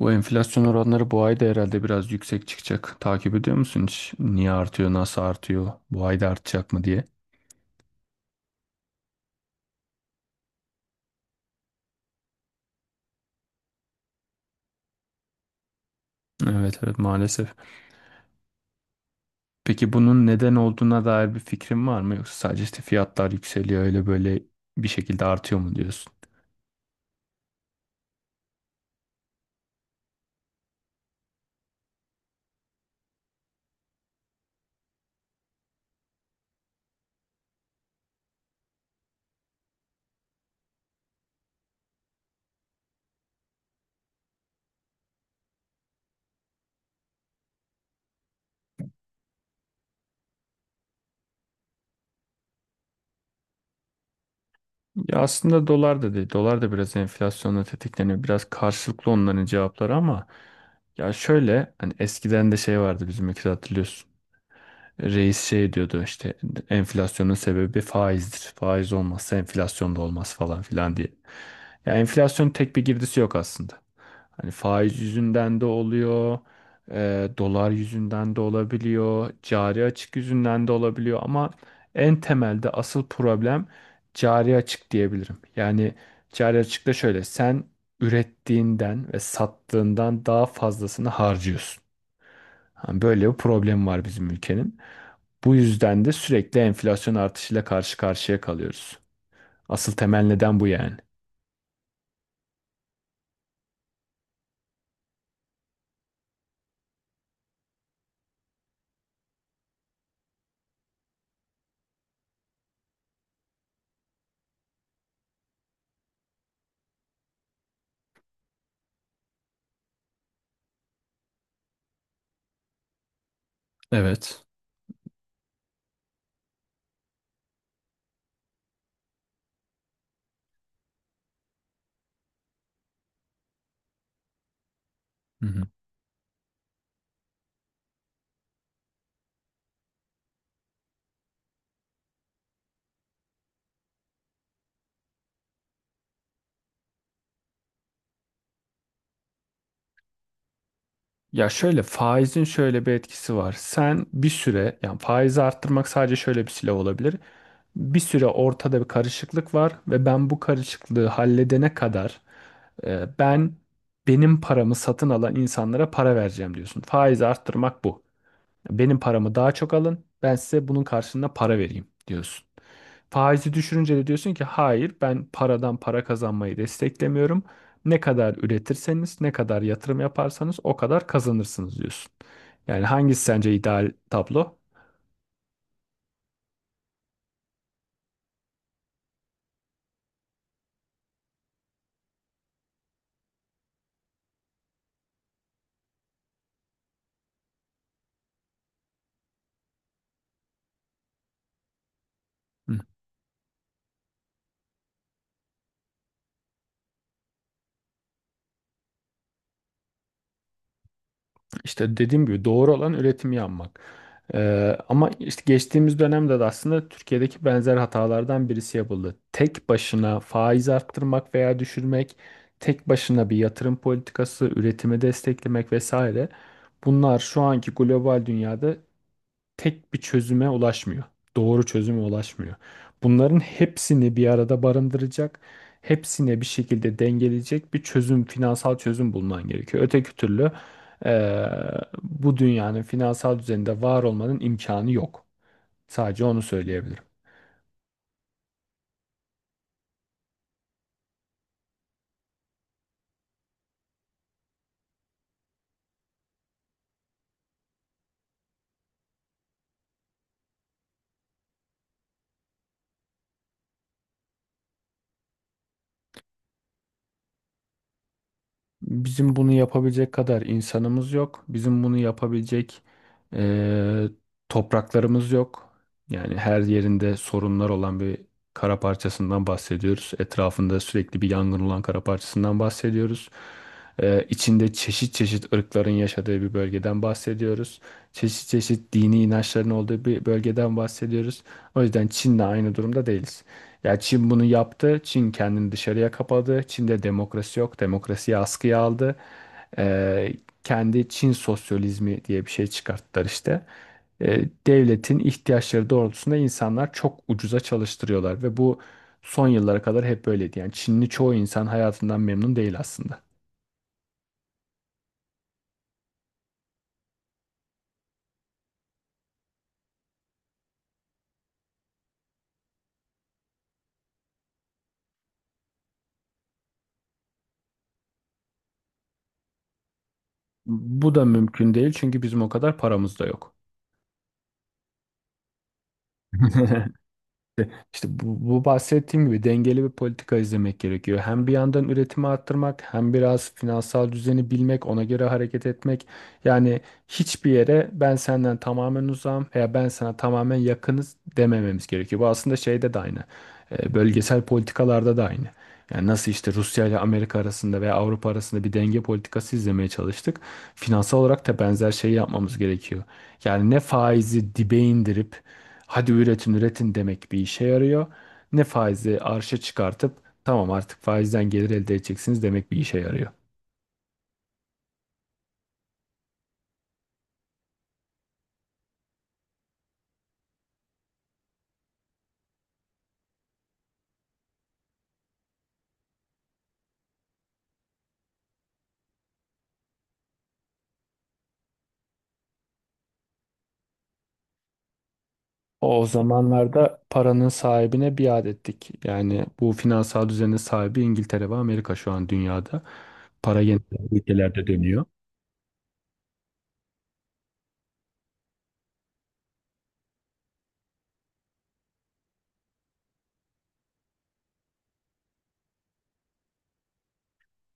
Bu enflasyon oranları bu ay da herhalde biraz yüksek çıkacak. Takip ediyor musun hiç? Niye artıyor, nasıl artıyor, bu ay da artacak mı diye? Evet evet maalesef. Peki bunun neden olduğuna dair bir fikrin var mı? Yoksa sadece işte fiyatlar yükseliyor öyle böyle bir şekilde artıyor mu diyorsun? Ya aslında dolar da değil. Dolar da biraz enflasyonla tetikleniyor. Biraz karşılıklı onların cevapları ama ya şöyle hani eskiden de şey vardı bizim ülkede hatırlıyorsun. Reis şey diyordu işte enflasyonun sebebi faizdir. Faiz olmazsa enflasyon da olmaz falan filan diye. Ya enflasyonun tek bir girdisi yok aslında. Hani faiz yüzünden de oluyor, dolar yüzünden de olabiliyor, cari açık yüzünden de olabiliyor ama en temelde asıl problem cari açık diyebilirim. Yani cari açık da şöyle sen ürettiğinden ve sattığından daha fazlasını harcıyorsun. Hani böyle bir problem var bizim ülkenin. Bu yüzden de sürekli enflasyon artışıyla karşı karşıya kalıyoruz. Asıl temel neden bu yani. Evet. Hı hı. Ya şöyle faizin şöyle bir etkisi var. Sen bir süre yani faizi arttırmak sadece şöyle bir silah olabilir. Bir süre ortada bir karışıklık var ve ben bu karışıklığı halledene kadar e, ben benim paramı satın alan insanlara para vereceğim diyorsun. Faizi arttırmak bu. Benim paramı daha çok alın. Ben size bunun karşılığında para vereyim diyorsun. Faizi düşürünce de diyorsun ki hayır ben paradan para kazanmayı desteklemiyorum. Ne kadar üretirseniz, ne kadar yatırım yaparsanız o kadar kazanırsınız diyorsun. Yani hangisi sence ideal tablo? Hı. İşte dediğim gibi doğru olan üretimi yapmak. Ama işte geçtiğimiz dönemde de aslında Türkiye'deki benzer hatalardan birisi yapıldı. Tek başına faiz arttırmak veya düşürmek, tek başına bir yatırım politikası, üretimi desteklemek vesaire. Bunlar şu anki global dünyada tek bir çözüme ulaşmıyor. Doğru çözüme ulaşmıyor. Bunların hepsini bir arada barındıracak, hepsine bir şekilde dengeleyecek bir çözüm, finansal çözüm bulman gerekiyor. Öteki türlü eee, bu dünyanın finansal düzeninde var olmanın imkanı yok. Sadece onu söyleyebilirim. Bizim bunu yapabilecek kadar insanımız yok. Bizim bunu yapabilecek eee, topraklarımız yok. Yani her yerinde sorunlar olan bir kara parçasından bahsediyoruz. Etrafında sürekli bir yangın olan kara parçasından bahsediyoruz. İçinde çeşit çeşit ırkların yaşadığı bir bölgeden bahsediyoruz. Çeşit çeşit dini inançların olduğu bir bölgeden bahsediyoruz. O yüzden Çin'le aynı durumda değiliz. Ya Çin bunu yaptı. Çin kendini dışarıya kapadı. Çin'de demokrasi yok. Demokrasiyi askıya aldı. Ee, Kendi Çin sosyalizmi diye bir şey çıkarttılar işte. Devletin ihtiyaçları doğrultusunda insanlar çok ucuza çalıştırıyorlar ve bu son yıllara kadar hep böyleydi. Yani Çinli çoğu insan hayatından memnun değil aslında. Bu da mümkün değil çünkü bizim o kadar paramız da yok. İşte bu bahsettiğim gibi dengeli bir politika izlemek gerekiyor. Hem bir yandan üretimi arttırmak, hem biraz finansal düzeni bilmek, ona göre hareket etmek. Yani hiçbir yere ben senden tamamen uzağım veya ben sana tamamen yakınız demememiz gerekiyor. Bu aslında şeyde de aynı. Bölgesel politikalarda da aynı. Yani nasıl işte Rusya ile Amerika arasında veya Avrupa arasında bir denge politikası izlemeye çalıştık. Finansal olarak da benzer şeyi yapmamız gerekiyor. Yani ne faizi dibe indirip hadi üretin üretin demek bir işe yarıyor. Ne faizi arşa çıkartıp tamam artık faizden gelir elde edeceksiniz demek bir işe yarıyor. O zamanlarda paranın sahibine biat ettik. Yani bu finansal düzenin sahibi İngiltere ve Amerika şu an dünyada. Para yeni ülkelerde dönüyor.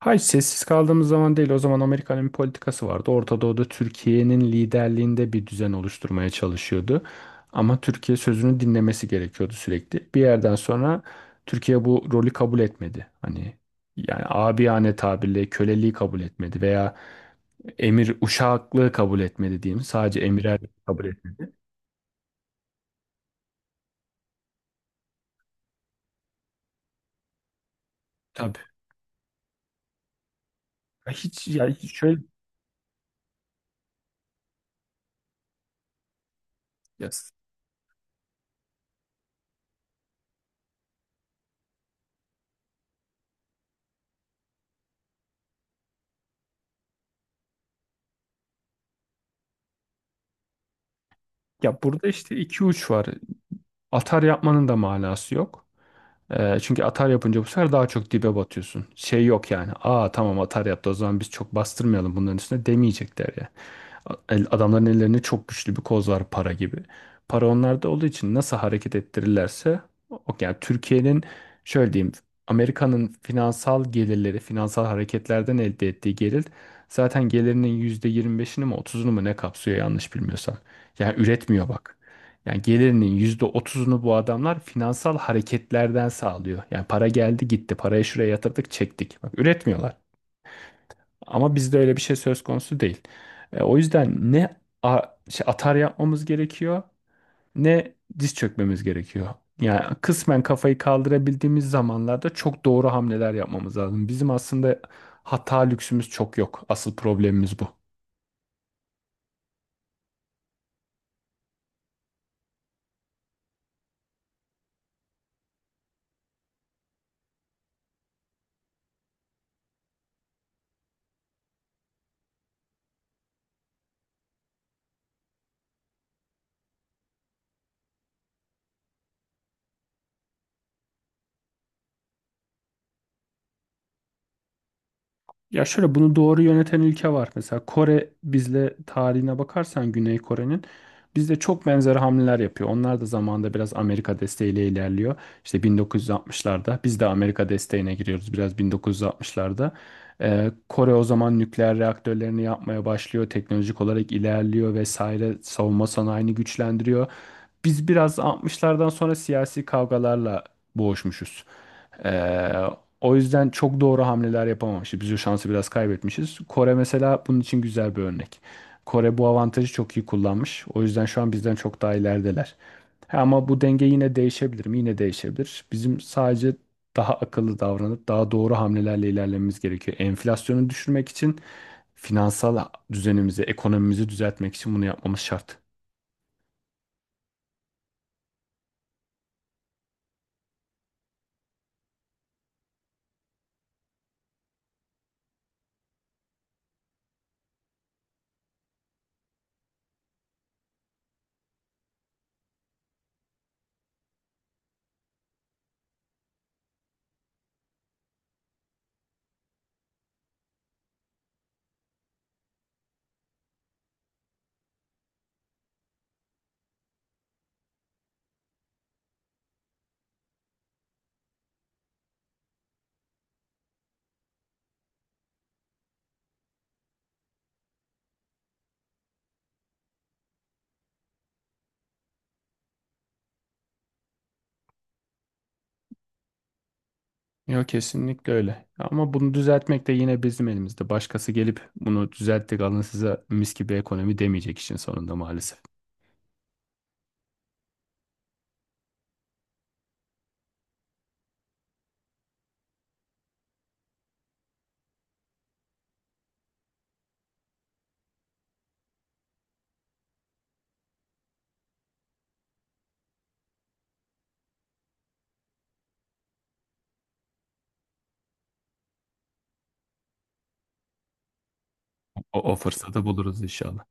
Hayır sessiz kaldığımız zaman değil. O zaman Amerika'nın bir politikası vardı. Orta Doğu'da Türkiye'nin liderliğinde bir düzen oluşturmaya çalışıyordu. Ama Türkiye sözünü dinlemesi gerekiyordu sürekli. Bir yerden sonra Türkiye bu rolü kabul etmedi. Hani yani abiyane tabirle köleliği kabul etmedi veya emir uşaklığı kabul etmedi diyeyim. Sadece emirer kabul etmedi. Tabii. Ya Hiç ya hiç şöyle ya, Ya burada işte iki uç var. Atar yapmanın da manası yok. Çünkü atar yapınca bu sefer daha çok dibe batıyorsun. Şey yok yani. Aa tamam atar yaptı o zaman biz çok bastırmayalım bunların üstüne demeyecekler ya. Adamların ellerinde çok güçlü bir koz var para gibi. Para onlarda olduğu için nasıl hareket ettirirlerse o yani Türkiye'nin şöyle diyeyim Amerika'nın finansal gelirleri, finansal hareketlerden elde ettiği gelir zaten gelirinin %25'ini mi %30'unu mu ne kapsıyor yanlış bilmiyorsam. Yani üretmiyor bak. Yani gelirinin %30'unu bu adamlar finansal hareketlerden sağlıyor. Yani para geldi gitti. Parayı şuraya yatırdık çektik. Bak üretmiyorlar. Ama bizde öyle bir şey söz konusu değil. O yüzden ne a- atar yapmamız gerekiyor ne diz çökmemiz gerekiyor. Yani kısmen kafayı kaldırabildiğimiz zamanlarda çok doğru hamleler yapmamız lazım. Bizim aslında hata lüksümüz çok yok. Asıl problemimiz bu. Ya şöyle bunu doğru yöneten ülke var. Mesela Kore bizle tarihine bakarsan Güney Kore'nin bizde çok benzer hamleler yapıyor. Onlar da zamanında biraz Amerika desteğiyle ilerliyor. İşte 1960'larda biz de Amerika desteğine giriyoruz biraz 1960'larda. Kore o zaman nükleer reaktörlerini yapmaya başlıyor. Teknolojik olarak ilerliyor vesaire. Savunma sanayini güçlendiriyor. Biz biraz 60'lardan sonra siyasi kavgalarla boğuşmuşuz. Ee, O yüzden çok doğru hamleler yapamamışız. Biz o şansı biraz kaybetmişiz. Kore mesela bunun için güzel bir örnek. Kore bu avantajı çok iyi kullanmış. O yüzden şu an bizden çok daha ilerideler. Ha, ama bu denge yine değişebilir mi? Yine değişebilir. Bizim sadece daha akıllı davranıp daha doğru hamlelerle ilerlememiz gerekiyor. Enflasyonu düşürmek için finansal düzenimizi, ekonomimizi düzeltmek için bunu yapmamız şart. Yok kesinlikle öyle. Ama bunu düzeltmek de yine bizim elimizde. Başkası gelip bunu düzelttik alın size mis gibi ekonomi demeyecek işin sonunda maalesef. O fırsatı buluruz inşallah.